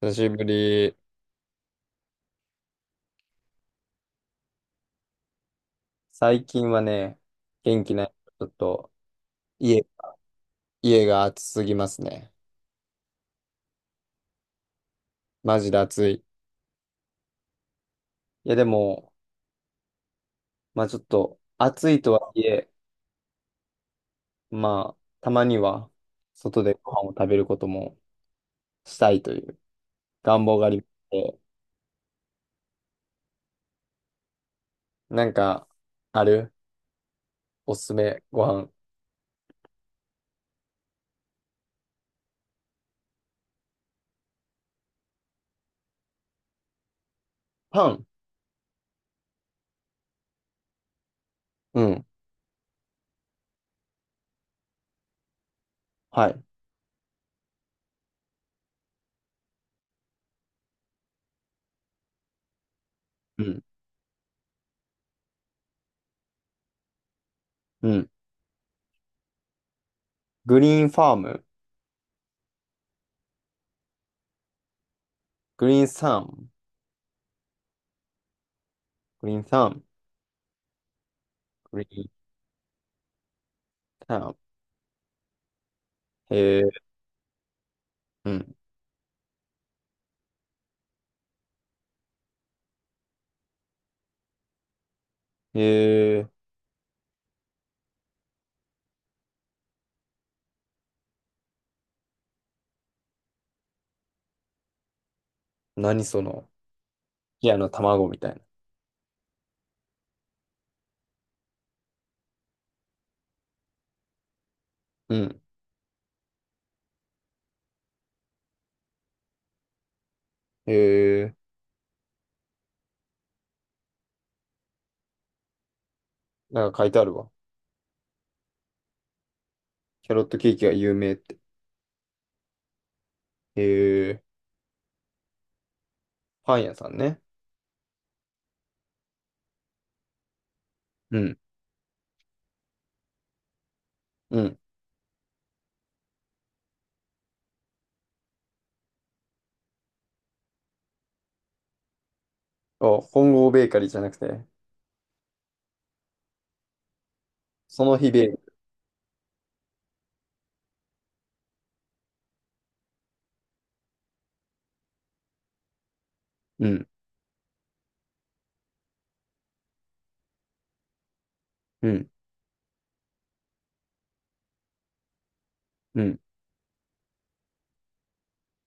久しぶり。最近はね、元気ない。ちょっと、家、家が暑すぎますね。マジで暑い。いや、でも、まあちょっと、暑いとはいえ、まあ、たまには、外でご飯を食べることもしたいという願望がありまして、なんか、あるおすすめご飯。パン、うん。はい。うん。うん。グリーンファーム。グリーンサム。グリーンサム。グリーンサム。へえ。うん。へえ。何その。いや、あの、卵みたいな。うん。へえ。なんか書いてあるわ。キャロットケーキが有名って。へえ。パン屋さんね。うん。うん。あ、本郷ベーカリーじゃなくて、その日ベーグル。うん。うん。うん。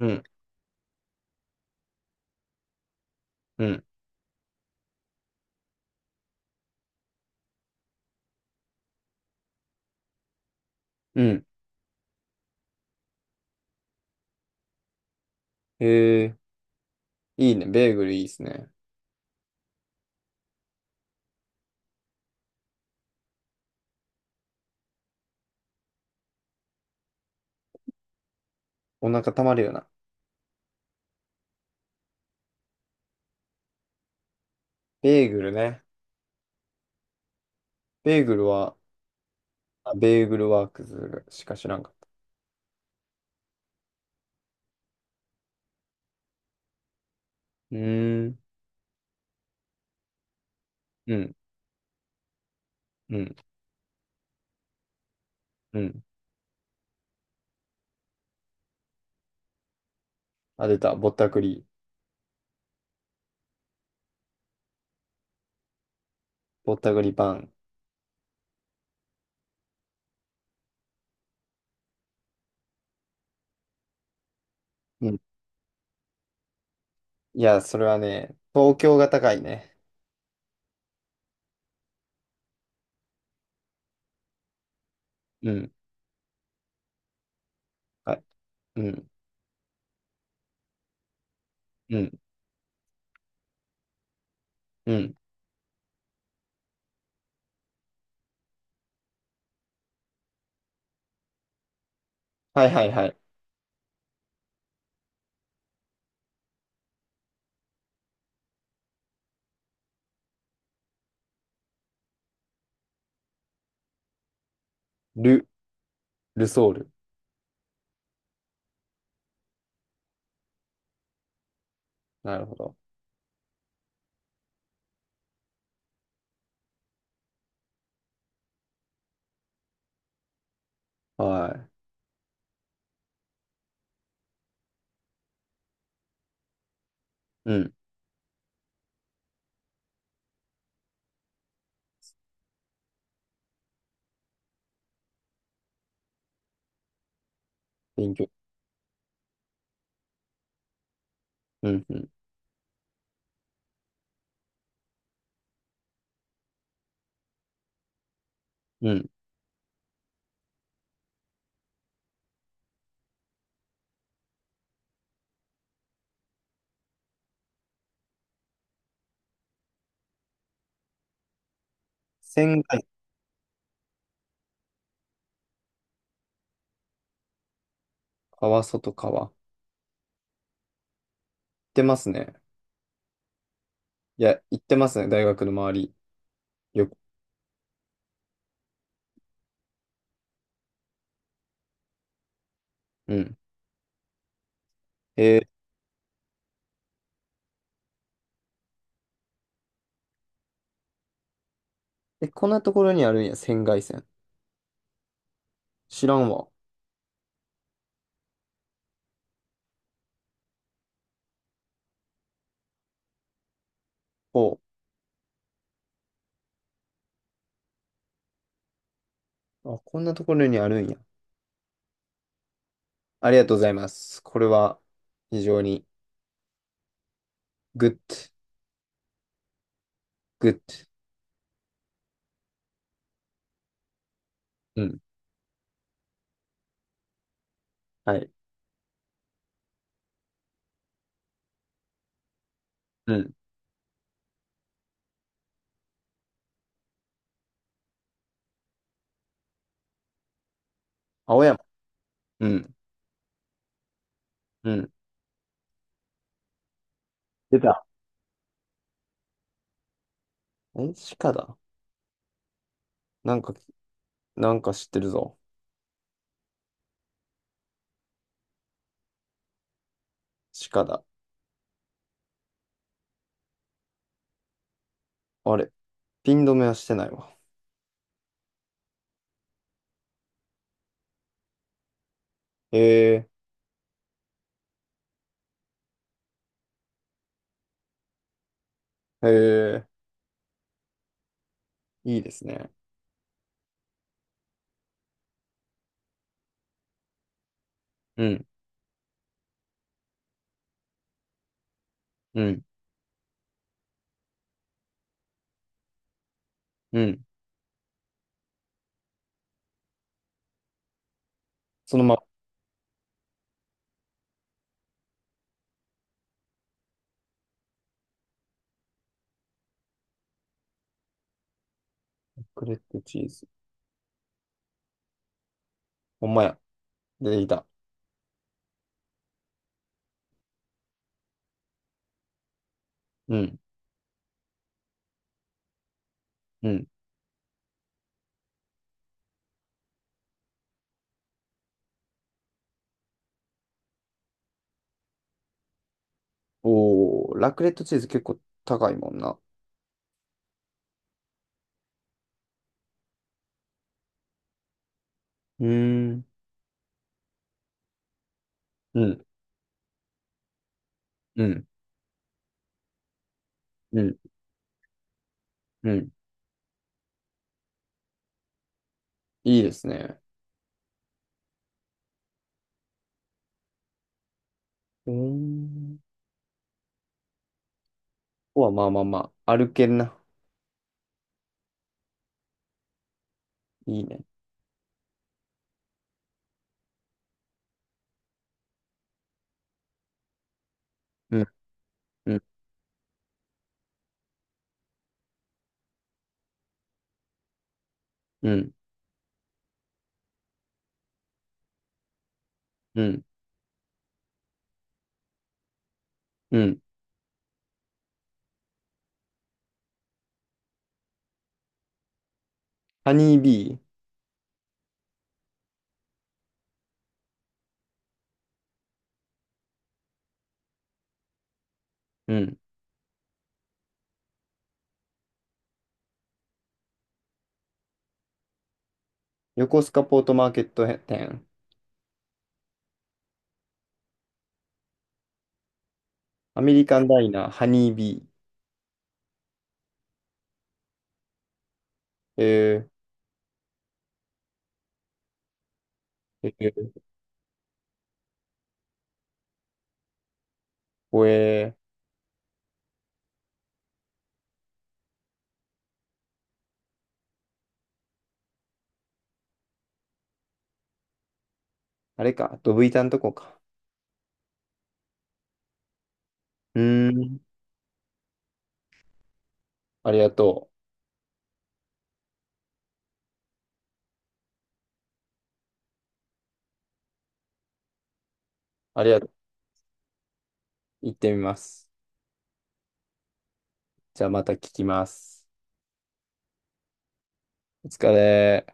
うん。うん。うん。へえ。いいね。ベーグルいいっすね。お腹たまるよな。ベーグルね。ベーグルは、あ、ベーグルワークズしか知らんかった。うーん。うん。うん。うん。あ、出た。ぼったくり。ぼったくりパン。うん。いや、それはね、東京が高いね。うん。はい。うん。うん。うん。はいはいはい。ル、ルソール。なるほど。はい。うん。勉強。うん。うん。うん。仙台、川外川。行ってますね。いや、行ってますね。大学の周り。よく。うん。えー、え、こんなところにあるんや。仙外線。知らんわ。ほう。あ、こんなところにあるんや。ありがとうございます。これは、非常に、グッド、グッド。うん。はい。うん。青山。うん。うん。出た。え、鹿だ。なんか、なんか知ってるぞ。鹿だ。あれ、ピン止めはしてないわ。へえ、へえ、いいですね。うん、うん、うん。そのまま、ラクレットチーズ。ほんまや。出てきた。うん、うん。おー、ラクレットチーズ結構高いもんな。うーん、うん、うん、うん、うん。いいですね。うーん。ここはまあまあまあ、歩けるな。いいね。うん、うん、うん、うん、うん。ハニービー。うん。横須賀ポートマーケット店。アメリカンダイナー、ハニービー。えー、えー、これ、あれか、ドブ板のとこか。うーん、ありがとう。ありがとう。行ってみます。じゃあまた聞きます。お疲れ。